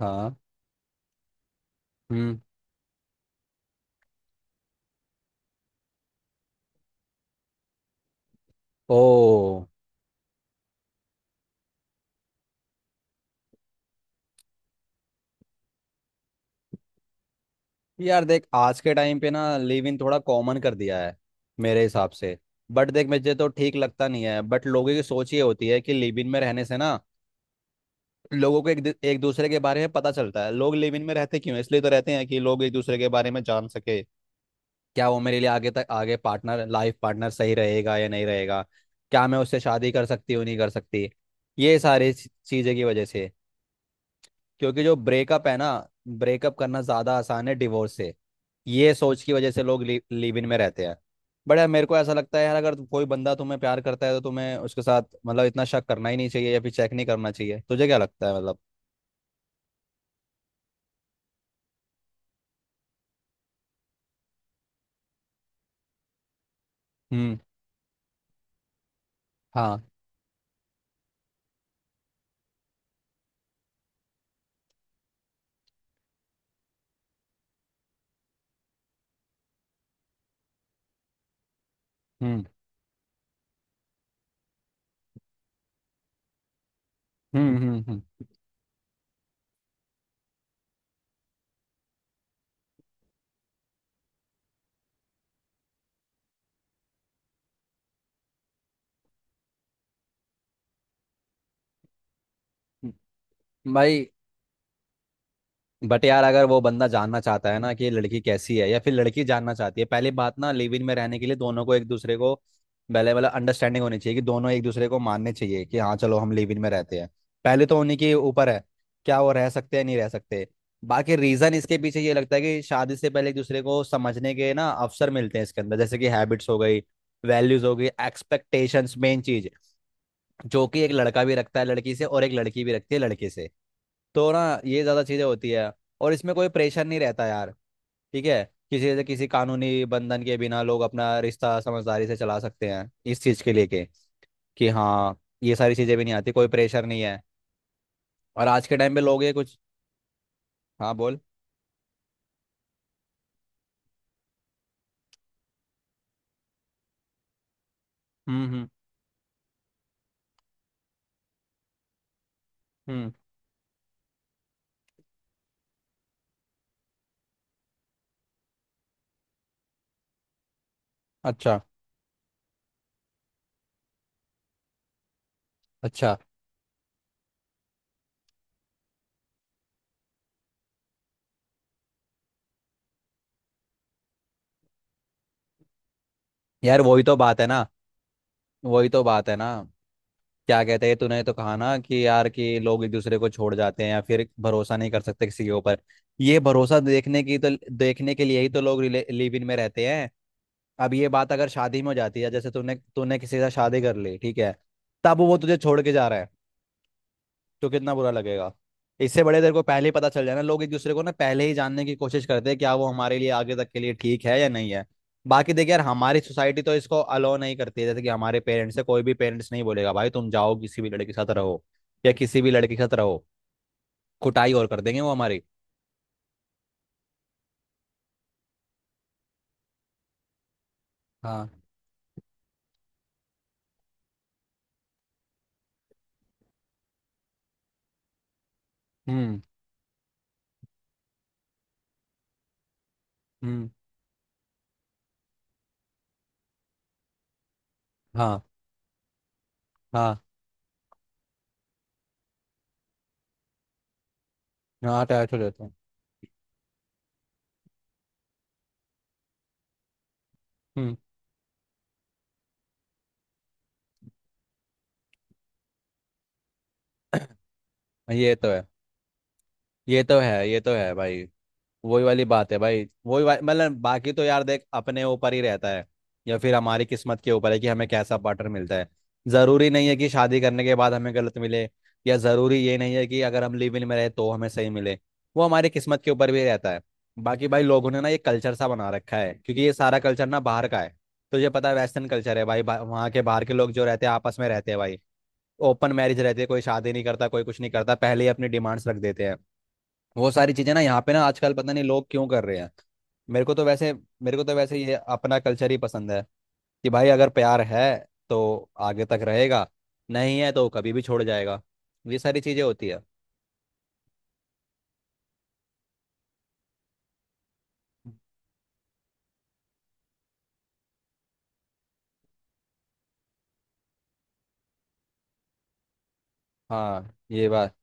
हाँ। हम्म। ओ। यार देख, आज के टाइम पे ना लिव इन थोड़ा कॉमन कर दिया है मेरे हिसाब से। बट देख, मुझे तो ठीक लगता नहीं है, बट लोगों की सोच ये होती है कि लिव इन में रहने से ना लोगों को एक दूसरे के बारे में पता चलता है। लोग लिव इन में रहते क्यों हैं? इसलिए तो रहते हैं कि लोग एक दूसरे के बारे में जान सके, क्या वो मेरे लिए आगे तक आगे पार्टनर, लाइफ पार्टनर सही रहेगा या नहीं रहेगा, क्या मैं उससे शादी कर सकती हूँ नहीं कर सकती, ये सारी चीज़ें की वजह से। क्योंकि जो ब्रेकअप है ना, ब्रेकअप करना ज़्यादा आसान है डिवोर्स से। ये सोच की वजह से लोग लिव इन में रहते हैं। बट यार मेरे को ऐसा लगता है यार, अगर कोई बंदा तुम्हें प्यार करता है तो तुम्हें उसके साथ मतलब इतना शक करना ही नहीं चाहिए या फिर चेक नहीं करना चाहिए। तुझे क्या लगता है मतलब? हम्म। हाँ। हम्म। हम्म। हम्म। हम्म। हम्म। भाई बट यार, अगर वो बंदा जानना चाहता है ना कि ये लड़की कैसी है या फिर लड़की जानना चाहती है, पहली बात ना लिव इन में रहने के लिए दोनों को एक दूसरे को पहले मतलब अंडरस्टैंडिंग होनी चाहिए कि दोनों एक दूसरे को मानने चाहिए कि हाँ चलो हम लिव इन में रहते हैं। पहले तो उन्हीं के ऊपर है, क्या वो रह सकते हैं नहीं रह सकते। बाकी रीजन इसके पीछे ये लगता है कि शादी से पहले एक दूसरे को समझने के ना अवसर मिलते हैं इसके अंदर, जैसे कि हैबिट्स हो गई, वैल्यूज हो गई, एक्सपेक्टेशंस मेन चीज, जो कि एक लड़का भी रखता है लड़की से और एक लड़की भी रखती है लड़के से, तो ना ये ज़्यादा चीज़ें होती है। और इसमें कोई प्रेशर नहीं रहता यार, ठीक है? किसी से किसी कानूनी बंधन के बिना लोग अपना रिश्ता समझदारी से चला सकते हैं, इस चीज़ के लेके कि हाँ ये सारी चीज़ें भी नहीं आती, कोई प्रेशर नहीं है। और आज के टाइम पे लोग ये कुछ। हाँ बोल। हम्म। हम्म। हम्म। अच्छा। अच्छा यार, वही तो बात है ना। वही तो बात है ना। क्या कहते हैं, तूने तो कहा ना कि यार कि लोग एक दूसरे को छोड़ जाते हैं या फिर भरोसा नहीं कर सकते किसी के ऊपर। ये भरोसा देखने की तो, देखने के लिए ही तो लोग लिव इन में रहते हैं। अब ये बात अगर शादी में हो जाती है, जैसे तूने तूने किसी से शादी कर ली, ठीक है, तब वो तुझे छोड़ के जा रहा है, तो कितना बुरा लगेगा। इससे बड़े तेरे को पहले ही पता चल जाए ना, लोग एक दूसरे को ना पहले ही जानने की कोशिश करते हैं, क्या वो हमारे लिए आगे तक के लिए ठीक है या नहीं है। बाकी देख यार, हमारी सोसाइटी तो इसको अलो नहीं करती है। जैसे कि हमारे पेरेंट्स से कोई भी पेरेंट्स नहीं बोलेगा भाई तुम जाओ किसी भी लड़के के साथ रहो या किसी भी लड़के के साथ रहो। कुटाई और कर देंगे वो हमारी। हाँ। हम्म। हम्म। हाँ। हाँ। हाँ अटैच हो जाते हैं। हम्म। ये तो है। ये तो है। ये तो है भाई। वही वाली बात है भाई, मतलब बाकी तो यार देख, अपने ऊपर ही रहता है, या फिर हमारी किस्मत के ऊपर है कि हमें कैसा पार्टनर मिलता है। जरूरी नहीं है कि शादी करने के बाद हमें गलत मिले, या जरूरी ये नहीं है कि अगर हम लिव इन में रहे तो हमें सही मिले। वो हमारी किस्मत के ऊपर भी रहता है। बाकी भाई लोगों ने ना ये कल्चर सा बना रखा है, क्योंकि ये सारा कल्चर ना बाहर का है। तुझे पता है, वेस्टर्न कल्चर है भाई, भाई वहाँ के बाहर के लोग जो रहते हैं आपस में रहते हैं भाई। ओपन मैरिज रहती है, कोई शादी नहीं करता, कोई कुछ नहीं करता, पहले ही अपनी डिमांड्स रख देते हैं। वो सारी चीजें ना यहाँ पे ना आजकल पता नहीं लोग क्यों कर रहे हैं। मेरे को तो वैसे, मेरे को तो वैसे ये अपना कल्चर ही पसंद है कि भाई अगर प्यार है तो आगे तक रहेगा, नहीं है तो कभी भी छोड़ जाएगा। ये सारी चीजें होती है। हाँ ये बात।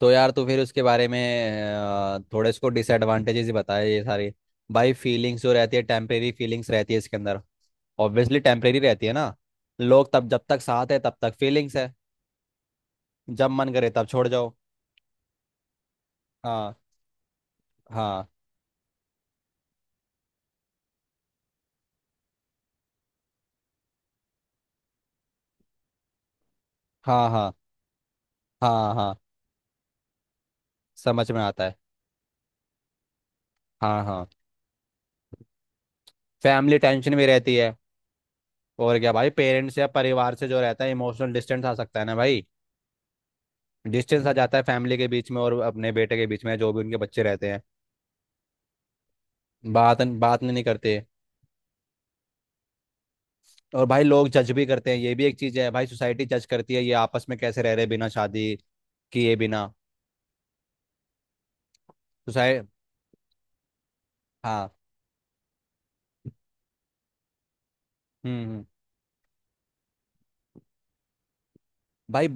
तो यार तू फिर उसके बारे में थोड़े इसको डिसएडवांटेजेस ही बताए ये सारी। भाई फीलिंग्स जो रहती है टेम्परेरी फीलिंग्स रहती है इसके अंदर। ऑब्वियसली टेम्परेरी रहती है ना। लोग तब जब तक साथ है तब तक फीलिंग्स है। जब मन करे तब छोड़ जाओ। हाँ। हाँ। हाँ। हाँ। हाँ। हाँ। समझ में आता है। हाँ। हाँ। फैमिली टेंशन में रहती है। और क्या भाई, पेरेंट्स या परिवार से जो रहता है इमोशनल डिस्टेंस आ सकता है ना भाई। डिस्टेंस आ जाता है फैमिली के बीच में और अपने बेटे के बीच में, जो भी उनके बच्चे रहते हैं बात बात नहीं करते। और भाई लोग जज भी करते हैं, ये भी एक चीज़ है भाई। सोसाइटी जज करती है, ये आपस में कैसे रह रहे बिना शादी किए बिना। सोसाइटी। हाँ। हम्म। हम्म। भाई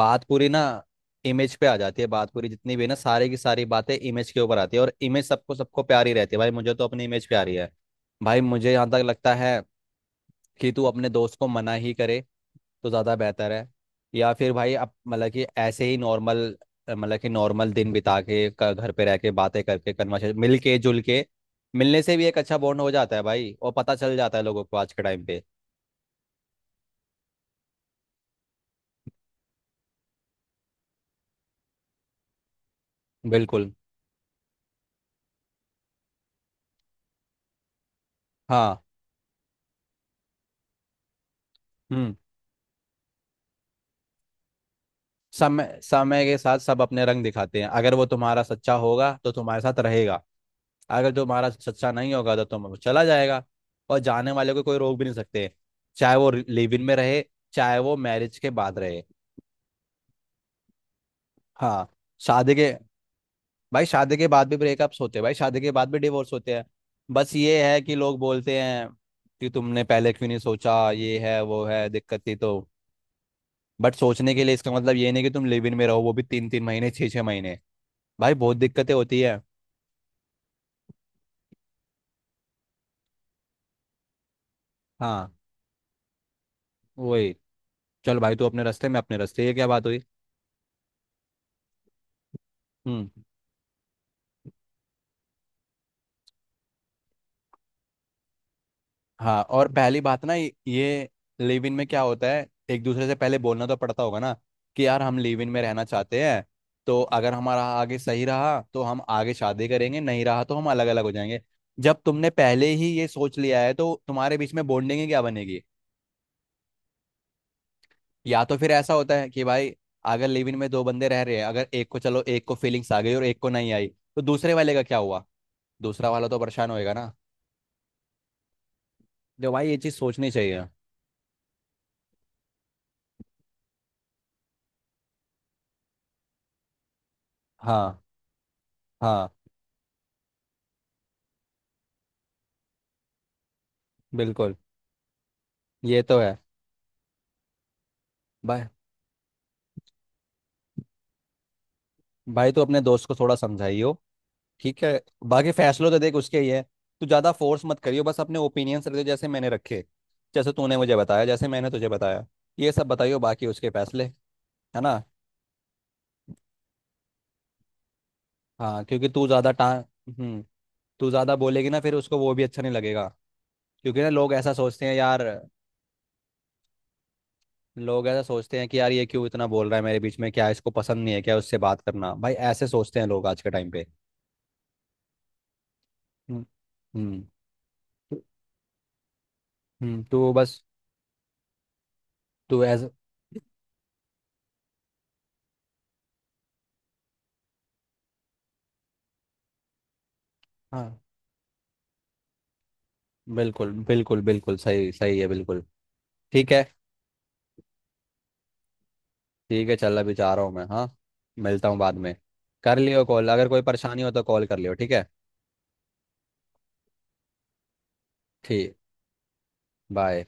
बात पूरी ना इमेज पे आ जाती है। बात पूरी जितनी भी है ना, सारी की सारी बातें इमेज के ऊपर आती है, और इमेज सबको सबको प्यारी रहती है भाई। मुझे तो अपनी इमेज प्यारी है। भाई मुझे यहाँ तक लगता है कि तू अपने दोस्त को मना ही करे तो ज़्यादा बेहतर है। या फिर भाई अब मतलब कि ऐसे ही नॉर्मल, मतलब कि नॉर्मल दिन बिता के घर पे रह के बातें करके कन्वर्सेशन मिल के जुल के मिलने से भी एक अच्छा बॉन्ड हो जाता है भाई, और पता चल जाता है लोगों को आज के टाइम पे। बिल्कुल। हाँ। हम्म। समय समय के साथ सब अपने रंग दिखाते हैं। अगर वो तुम्हारा सच्चा होगा तो तुम्हारे साथ रहेगा, अगर तुम्हारा सच्चा नहीं होगा तो तुम चला जाएगा। और जाने वाले को कोई रोक भी नहीं सकते, चाहे वो लिव इन में रहे, चाहे वो मैरिज के बाद रहे। हाँ। शादी के, भाई शादी के बाद भी ब्रेकअप्स होते हैं, भाई शादी के बाद भी डिवोर्स होते हैं। बस ये है कि लोग बोलते हैं कि तुमने पहले क्यों नहीं सोचा, ये है वो है दिक्कत थी तो। बट सोचने के लिए, इसका मतलब ये नहीं कि तुम लिव इन में रहो वो भी तीन तीन महीने, छः छः महीने, भाई बहुत दिक्कतें होती है। हाँ वही। चल भाई तू अपने रास्ते मैं अपने रास्ते, ये क्या बात हुई। हम्म। हाँ, और पहली बात ना ये लिव इन में क्या होता है, एक दूसरे से पहले बोलना तो पड़ता होगा ना कि यार हम लिव इन में रहना चाहते हैं, तो अगर हमारा आगे सही रहा तो हम आगे शादी करेंगे, नहीं रहा तो हम अलग अलग हो जाएंगे। जब तुमने पहले ही ये सोच लिया है तो तुम्हारे बीच में बॉन्डिंग ही क्या बनेगी। या तो फिर ऐसा होता है कि भाई, अगर लिव इन में दो बंदे रह रहे हैं, अगर एक को, चलो एक को फीलिंग्स आ गई और एक को नहीं आई, तो दूसरे वाले का क्या हुआ? दूसरा वाला तो परेशान होएगा ना। जो भाई ये चीज़ सोचनी चाहिए। हाँ। हाँ। बिल्कुल। ये तो है भाई। भाई तू अपने दोस्त को थोड़ा समझाइयो, ठीक है? बाकी फैसलों तो देख उसके ही है। तू ज़्यादा फोर्स मत करियो, बस अपने ओपिनियंस रखियो, जैसे मैंने रखे, जैसे तूने मुझे बताया, जैसे मैंने तुझे बताया, ये सब बताइयो, बाकी उसके फैसले। है ना? हाँ, क्योंकि तू ज़्यादा टा, हम्म, तू ज़्यादा बोलेगी ना फिर उसको वो भी अच्छा नहीं लगेगा। क्योंकि ना लोग ऐसा सोचते हैं यार, लोग ऐसा सोचते हैं कि यार ये क्यों इतना बोल रहा है मेरे बीच में, क्या इसको पसंद नहीं है क्या उससे बात करना, भाई ऐसे सोचते हैं लोग आज के टाइम पे। हम्म। हम्म। तो तो बस, तो एज। हाँ बिल्कुल, बिल्कुल बिल्कुल, सही सही है, बिल्कुल। ठीक है। ठीक है, चल अभी जा रहा हूँ मैं, हाँ, मिलता हूँ बाद में। कर लियो कॉल, अगर कोई परेशानी हो तो कॉल कर लियो, ठीक है? ठीक। बाय।